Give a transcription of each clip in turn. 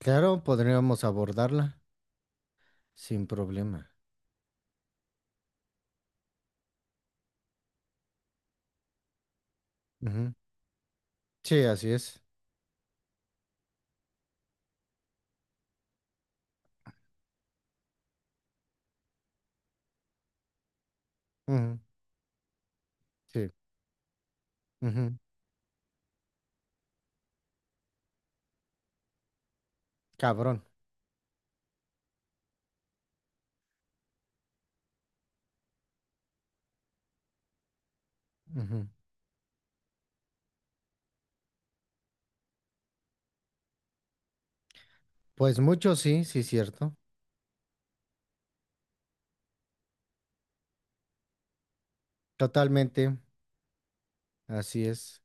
Claro, podríamos abordarla sin problema. Ujú. Sí, así es. Ujú. Sí. Ujú. Cabrón. Ujú. Pues mucho sí, sí, cierto. Totalmente, así es.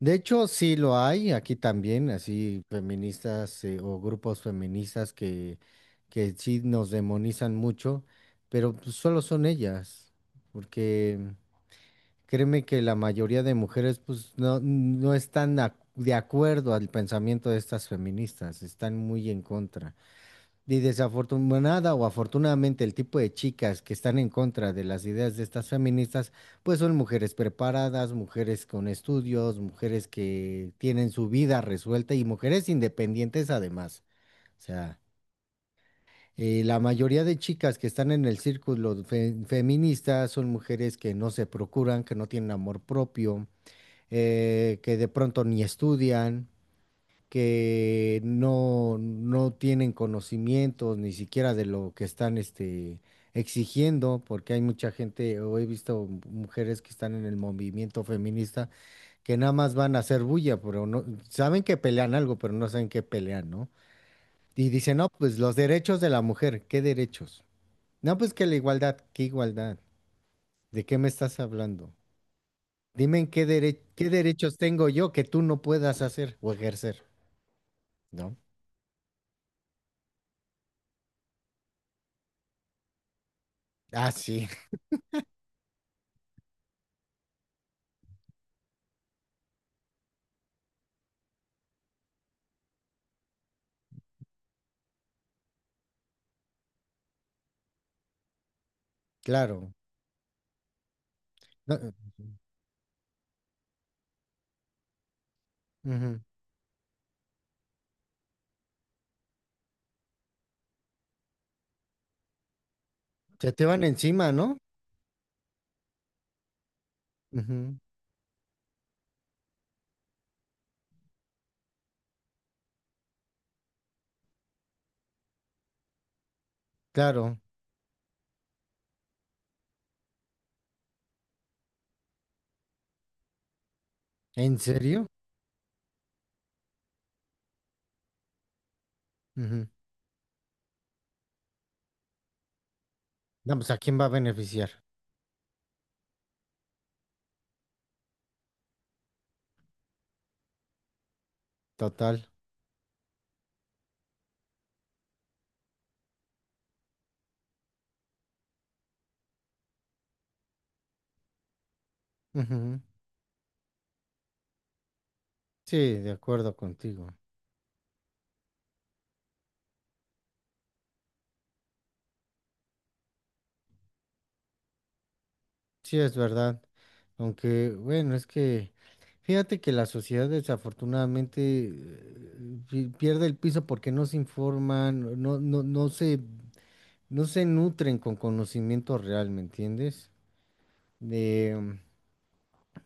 De hecho, sí lo hay aquí también, así feministas o grupos feministas que sí nos demonizan mucho, pero pues, solo son ellas, porque créeme que la mayoría de mujeres pues no, de acuerdo al pensamiento de estas feministas, están muy en contra. Y desafortunada o afortunadamente el tipo de chicas que están en contra de las ideas de estas feministas pues son mujeres preparadas, mujeres con estudios, mujeres que tienen su vida resuelta y mujeres independientes además. O sea, la mayoría de chicas que están en el círculo feminista son mujeres que no se procuran, que no tienen amor propio, que de pronto ni estudian, que no tienen conocimientos ni siquiera de lo que están exigiendo, porque hay mucha gente, o he visto mujeres que están en el movimiento feminista, que nada más van a hacer bulla, pero no, saben que pelean algo, pero no saben qué pelean, ¿no? Y dicen, no, pues los derechos de la mujer, ¿qué derechos? No, pues que la igualdad, ¿qué igualdad? ¿De qué me estás hablando? Dime en qué, qué derechos tengo yo que tú no puedas hacer o ejercer, ¿no? Ah, sí, claro. No, ujú. Se te van encima, ¿no? Ujú. Claro. ¿En serio? Ujú. No, pues ¿a quién va a beneficiar? Total. Ujú. Sí, de acuerdo contigo. Sí, es verdad. Aunque, bueno, es que fíjate que la sociedad desafortunadamente pierde el piso porque no se informan, no se no se nutren con conocimiento real, ¿me entiendes? De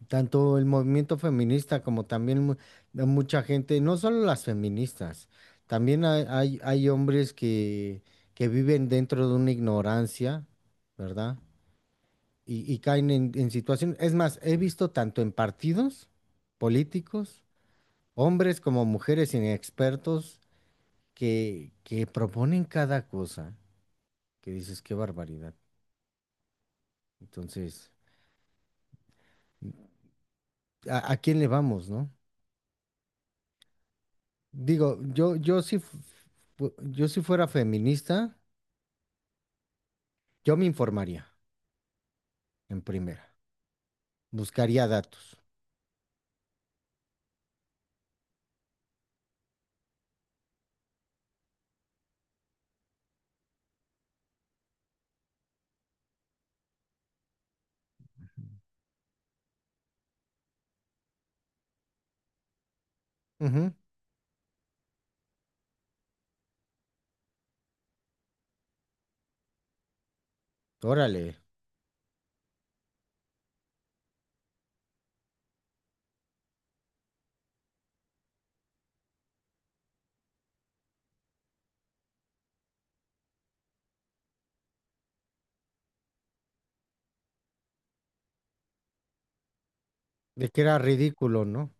tanto el movimiento feminista como también de mucha gente, no solo las feministas, también hay, hay hombres que viven dentro de una ignorancia, ¿verdad? Y caen en situaciones, es más, he visto tanto en partidos políticos, hombres como mujeres inexpertos que proponen cada cosa, que dices, qué barbaridad. Entonces... a quién le vamos, ¿no? Digo, yo si fuera feminista, yo me informaría en primera, buscaría datos. Ujú. Órale. De que era ridículo, ¿no?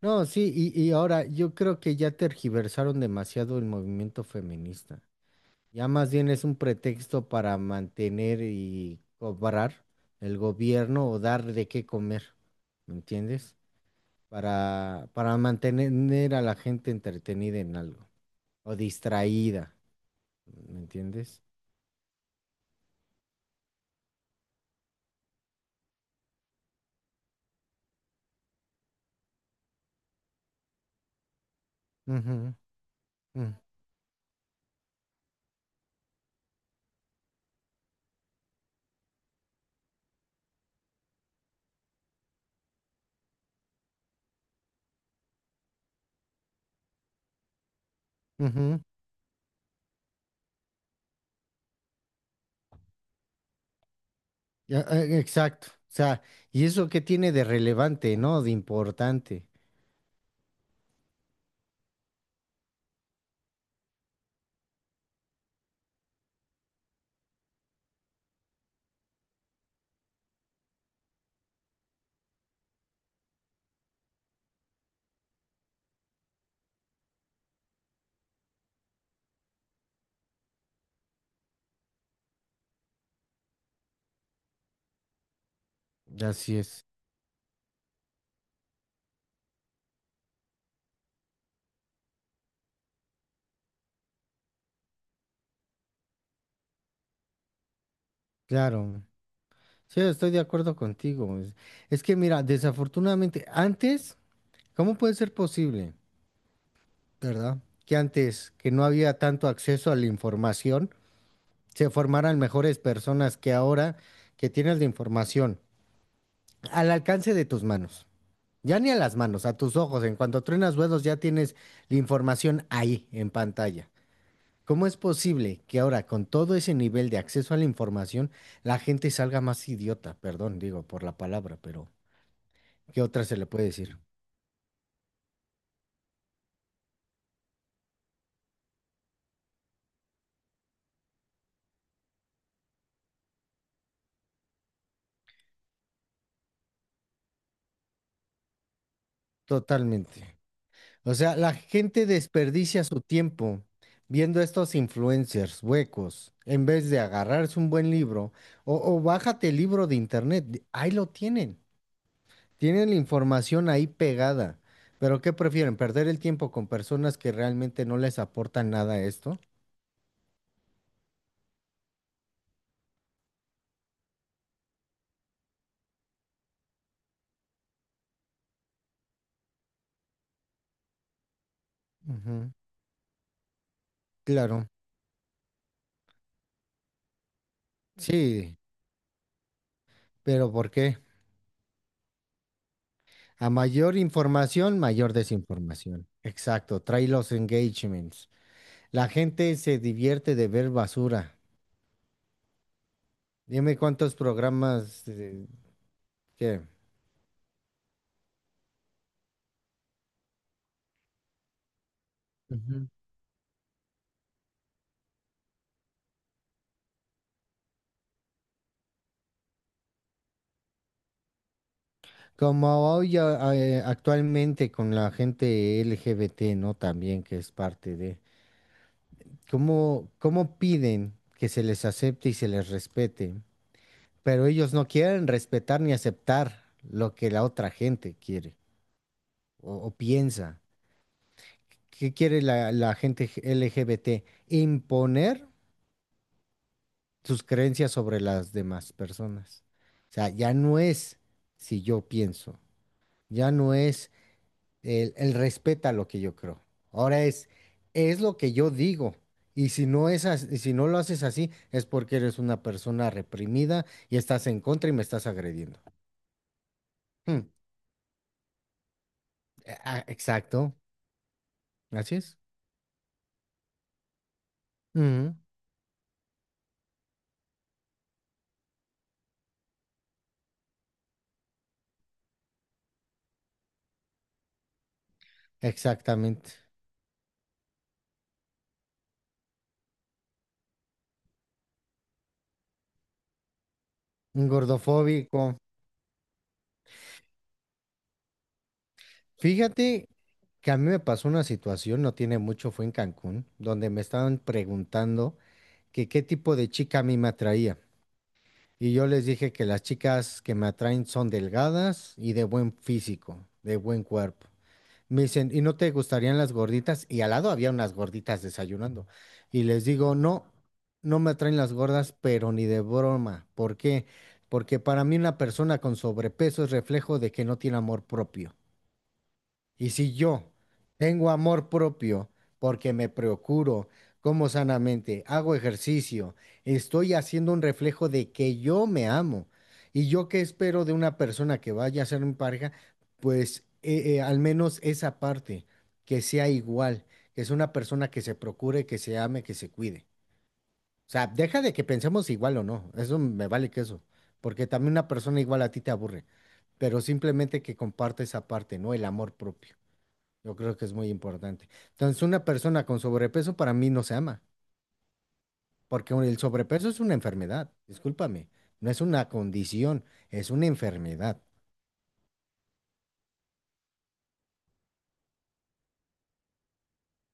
No, sí, y ahora yo creo que ya tergiversaron demasiado el movimiento feminista. Ya más bien es un pretexto para mantener y cobrar el gobierno o dar de qué comer, ¿me entiendes? Para mantener a la gente entretenida en algo, o distraída, ¿me entiendes? Ujú. Mm. Ujú. Ya, exacto. O sea, ¿y eso qué tiene de relevante, no? De importante. Así es. Claro. Sí, estoy de acuerdo contigo. Es que mira, desafortunadamente, antes, ¿cómo puede ser posible, verdad? Que antes, que no había tanto acceso a la información, se formaran mejores personas que ahora que tienes la información al alcance de tus manos. Ya ni a las manos, a tus ojos. En cuanto truenas huesos, ya tienes la información ahí en pantalla. ¿Cómo es posible que ahora, con todo ese nivel de acceso a la información, la gente salga más idiota? Perdón, digo por la palabra, pero ¿qué otra se le puede decir? Totalmente. O sea, la gente desperdicia su tiempo viendo estos influencers huecos en vez de agarrarse un buen libro o bájate el libro de internet. Ahí lo tienen. Tienen la información ahí pegada, pero ¿qué prefieren? ¿Perder el tiempo con personas que realmente no les aportan nada a esto? Ujú. Claro, sí, pero ¿por qué? A mayor información, mayor desinformación. Exacto, trae los engagements. La gente se divierte de ver basura. Dime cuántos programas, ¿qué? Ujú. Como hoy actualmente con la gente LGBT, ¿no? También que es parte de... ¿Cómo, cómo piden que se les acepte y se les respete? Pero ellos no quieren respetar ni aceptar lo que la otra gente quiere o piensa. ¿Qué quiere la gente LGBT? Imponer sus creencias sobre las demás personas. O sea, ya no es si yo pienso, ya no es el respeta lo que yo creo. Ahora es lo que yo digo. Y si no y si no lo haces así, es porque eres una persona reprimida y estás en contra y me estás agrediendo. Mm, exacto. Así es. Ujú. Exactamente. Un gordofóbico. Fíjate que a mí me pasó una situación, no tiene mucho, fue en Cancún, donde me estaban preguntando que qué tipo de chica a mí me atraía. Y yo les dije que las chicas que me atraen son delgadas y de buen físico, de buen cuerpo. Me dicen, ¿y no te gustarían las gorditas? Y al lado había unas gorditas desayunando. Y les digo, no, no me atraen las gordas, pero ni de broma. ¿Por qué? Porque para mí una persona con sobrepeso es reflejo de que no tiene amor propio. Y si yo tengo amor propio porque me procuro, como sanamente, hago ejercicio, estoy haciendo un reflejo de que yo me amo. Y yo qué espero de una persona que vaya a ser mi pareja, pues al menos esa parte, que sea igual, que es una persona que se procure, que se ame, que se cuide. O sea, deja de que pensemos igual o no, eso me vale queso, porque también una persona igual a ti te aburre, pero simplemente que comparte esa parte, ¿no? El amor propio. Yo creo que es muy importante. Entonces, una persona con sobrepeso para mí no se ama, porque el sobrepeso es una enfermedad, discúlpame, no es una condición, es una enfermedad.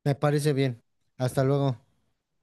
Me parece bien. Hasta luego.